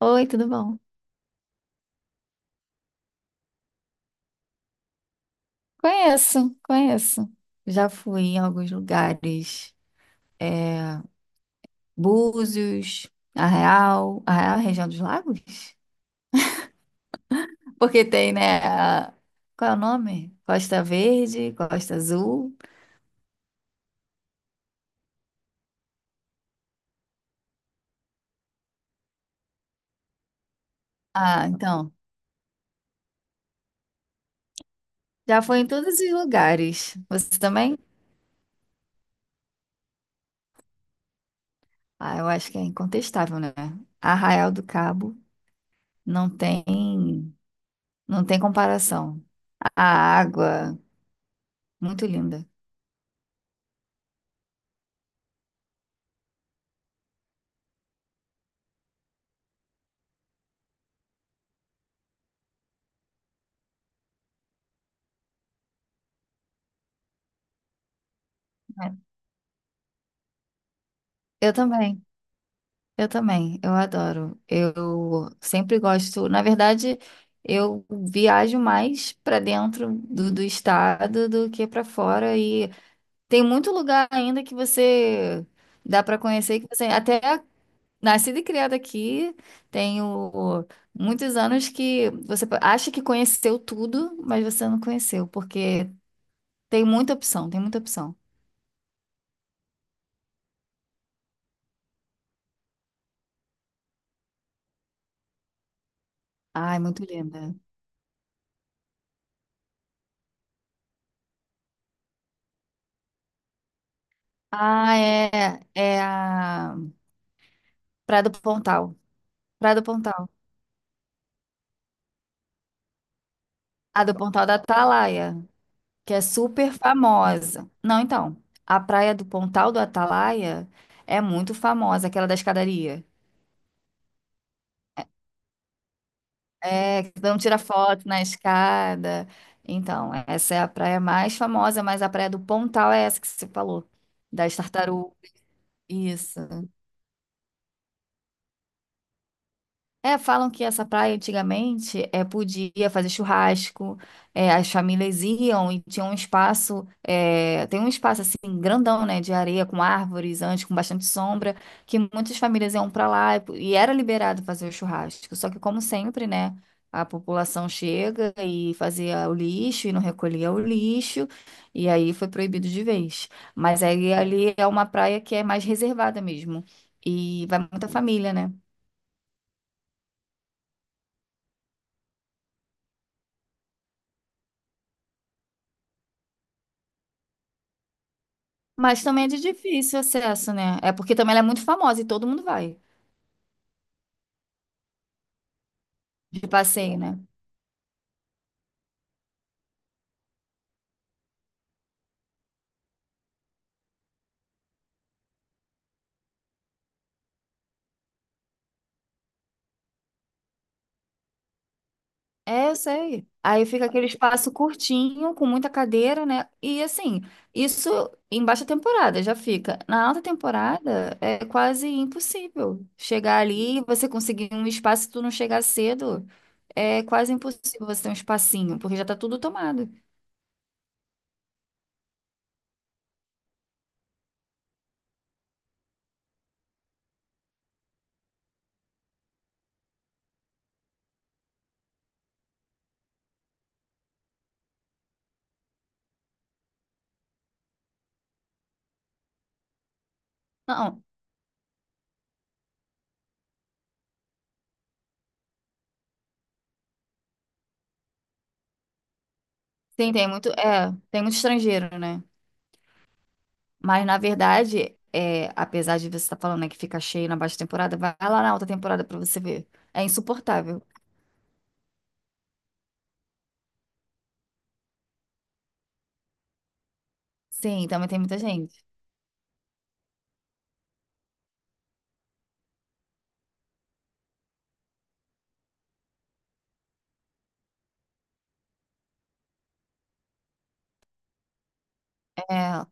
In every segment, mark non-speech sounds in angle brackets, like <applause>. Oi, tudo bom? Conheço, conheço. Já fui em alguns lugares. É, Búzios, Arraial. Arraial é a região dos lagos? Porque tem, né? Qual é o nome? Costa Verde, Costa Azul. Ah, então. Já fui em todos os lugares. Você também? Ah, eu acho que é incontestável, né? Arraial do Cabo não tem, não tem comparação. A água, muito linda. É. Eu também. Eu também, eu adoro. Eu sempre gosto. Na verdade, eu viajo mais para dentro do estado do que para fora. E tem muito lugar ainda que você dá para conhecer, que você até nascida e criada aqui, tenho muitos anos que você acha que conheceu tudo, mas você não conheceu, porque tem muita opção, tem muita opção. Ai, muito linda. Ah, é a Praia do Pontal. Praia do Pontal. A do Pontal da Atalaia, que é super famosa. Não, então, a praia do Pontal do Atalaia é muito famosa, aquela da escadaria. É, que não tira foto na escada. Então, essa é a praia mais famosa, mas a praia do Pontal é essa que você falou, das tartarugas. Isso. É, falam que essa praia antigamente podia fazer churrasco, as famílias iam e tinha um espaço, tem um espaço assim grandão, né, de areia com árvores antes, com bastante sombra, que muitas famílias iam para lá e era liberado fazer o churrasco. Só que como sempre, né, a população chega e fazia o lixo e não recolhia o lixo e aí foi proibido de vez. Mas aí ali é uma praia que é mais reservada mesmo e vai muita família, né? Mas também é de difícil acesso, né? É porque também ela é muito famosa e todo mundo vai de passeio, né? É, eu sei. Aí fica aquele espaço curtinho, com muita cadeira, né? E assim, isso em baixa temporada já fica. Na alta temporada é quase impossível chegar ali, você conseguir um espaço, se tu não chegar cedo, é quase impossível você ter um espacinho, porque já tá tudo tomado. Não, tem muito estrangeiro, né? Mas, na verdade, apesar de você estar falando, né, que fica cheio na baixa temporada, vai lá na alta temporada pra você ver. É insuportável. Sim, também tem muita gente. É,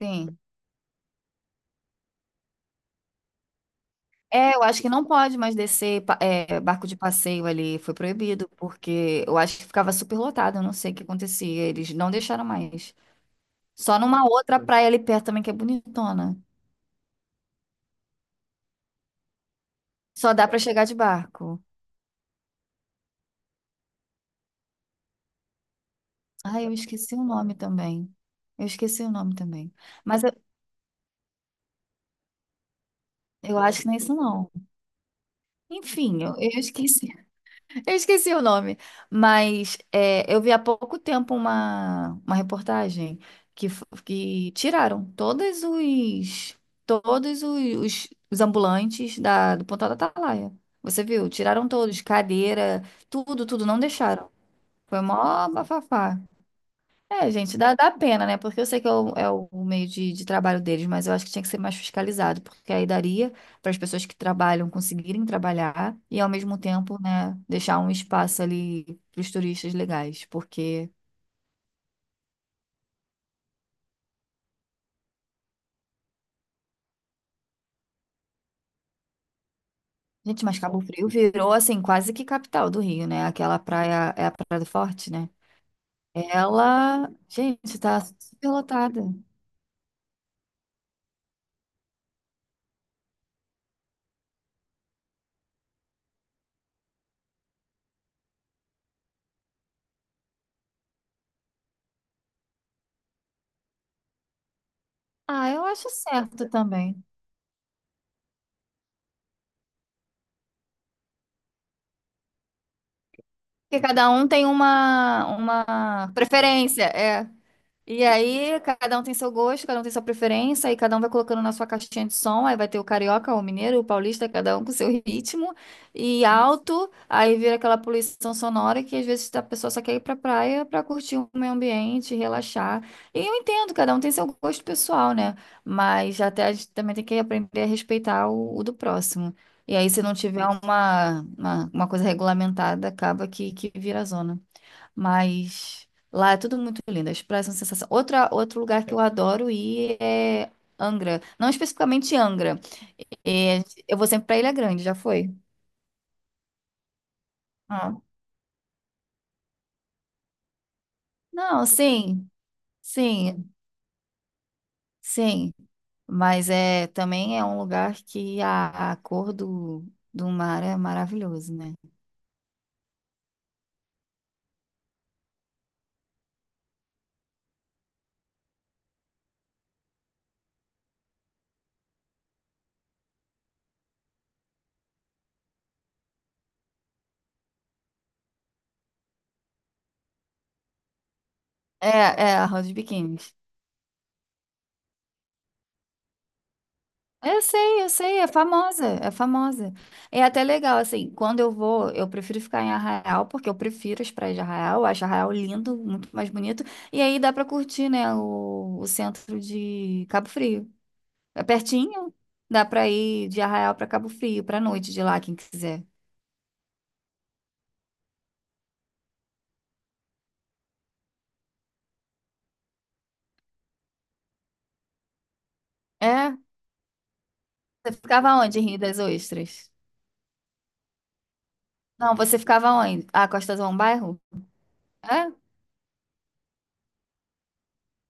sim. É, eu acho que não pode mais descer barco de passeio ali, foi proibido, porque eu acho que ficava super lotado, eu não sei o que acontecia, eles não deixaram mais. Só numa outra praia ali perto também, que é bonitona. Só dá pra chegar de barco. Ai, eu esqueci o nome também. Eu esqueci o nome também. Mas eu acho que não é isso não. Enfim, eu esqueci, <laughs> eu esqueci o nome, mas eu vi há pouco tempo uma, reportagem que tiraram todos os ambulantes da, do Pontal da Atalaia. Você viu? Tiraram todos, cadeira, tudo, tudo, não deixaram. Foi mó bafafá. É, gente, dá pena, né? Porque eu sei que é o meio de trabalho deles, mas eu acho que tinha que ser mais fiscalizado, porque aí daria para as pessoas que trabalham conseguirem trabalhar e, ao mesmo tempo, né, deixar um espaço ali para os turistas legais. Porque, gente, mas Cabo Frio virou, assim, quase que capital do Rio, né? Aquela praia, é a Praia do Forte, né? Ela, gente, tá super lotada. Ah, eu acho certo também. Porque cada um tem uma preferência, é. E aí, cada um tem seu gosto, cada um tem sua preferência, e cada um vai colocando na sua caixinha de som. Aí vai ter o carioca, o mineiro, o paulista, cada um com seu ritmo e alto. Aí vira aquela poluição sonora que às vezes a pessoa só quer ir pra praia pra curtir o meio ambiente, relaxar. E eu entendo, cada um tem seu gosto pessoal, né? Mas até a gente também tem que aprender a respeitar o do próximo. E aí, se não tiver uma coisa regulamentada, acaba que vira zona. Mas lá é tudo muito lindo, as praias são sensação. Outra, outro lugar que eu adoro ir é Angra. Não especificamente Angra. É, eu vou sempre pra Ilha Grande, já foi? Ah. Não, sim, sim, sim. Mas é também é um lugar que a cor do mar é maravilhoso, né? É a Roda de Biquíni. Eu sei, é famosa, é famosa. É até legal, assim, quando eu vou, eu prefiro ficar em Arraial, porque eu prefiro as praias de Arraial, eu acho Arraial lindo, muito mais bonito, e aí dá pra curtir, né, o centro de Cabo Frio. É pertinho, dá pra ir de Arraial pra Cabo Frio, pra noite de lá, quem quiser. É? Você ficava onde, em Rio das Ostras? Não, você ficava onde? Ah, Costa Azul é um bairro? É?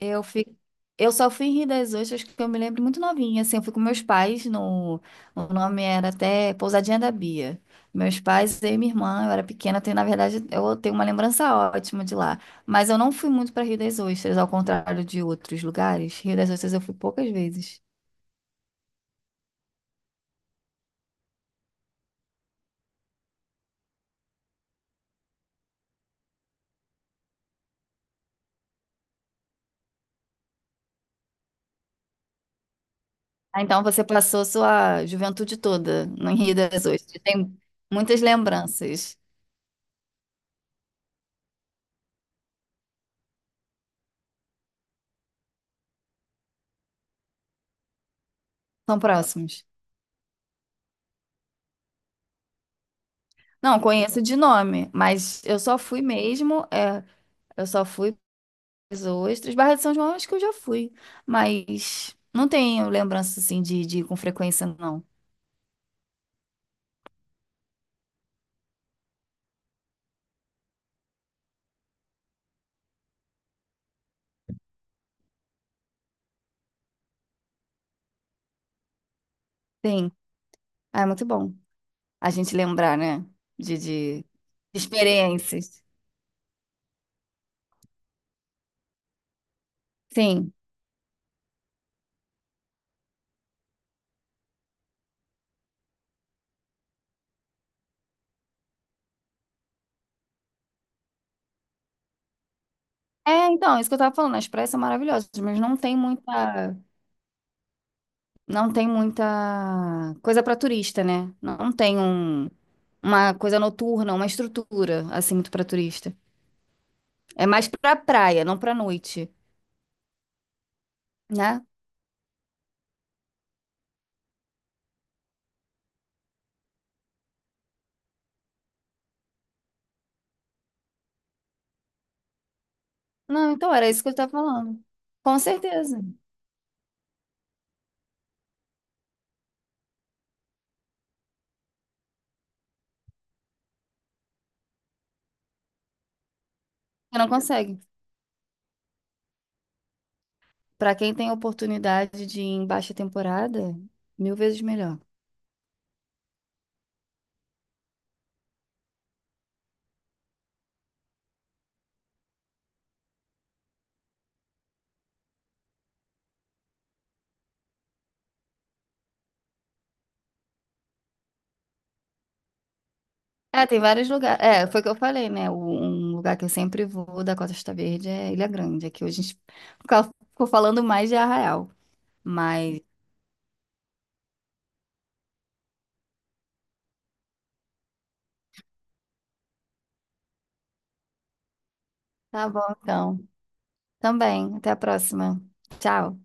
Eu fico... eu só fui em Rio das Ostras que eu me lembro muito novinha, assim, eu fui com meus pais no... O nome era até Pousadinha da Bia. Meus pais, eu e minha irmã, eu era pequena, eu tenho, na verdade, eu tenho uma lembrança ótima de lá. Mas eu não fui muito para Rio das Ostras, ao contrário de outros lugares. Rio das Ostras eu fui poucas vezes. Ah, então você passou sua juventude toda no Rio das Ostras. Tem muitas lembranças. São próximos. Não, conheço de nome, mas eu só fui Ostras, Barra de São João acho que eu já fui, mas não tenho lembrança assim de ir com frequência, não. Sim, ah, é muito bom a gente lembrar, né? De experiências. Sim. É, então, isso que eu tava falando, as praias são maravilhosas, mas não tem muita coisa para turista, né? Não tem um, uma coisa noturna, uma estrutura assim muito para turista. É mais para praia, não para noite, né? Não, então era isso que eu tava falando. Com certeza. Você não consegue. Pra quem tem oportunidade de ir em baixa temporada, mil vezes melhor. É, tem vários lugares. É, foi o que eu falei, né? Um lugar que eu sempre vou da Costa Verde é Ilha Grande. Aqui hoje a gente fica- ficou falando mais de Arraial. Mas tá bom, então. Também. Até a próxima. Tchau.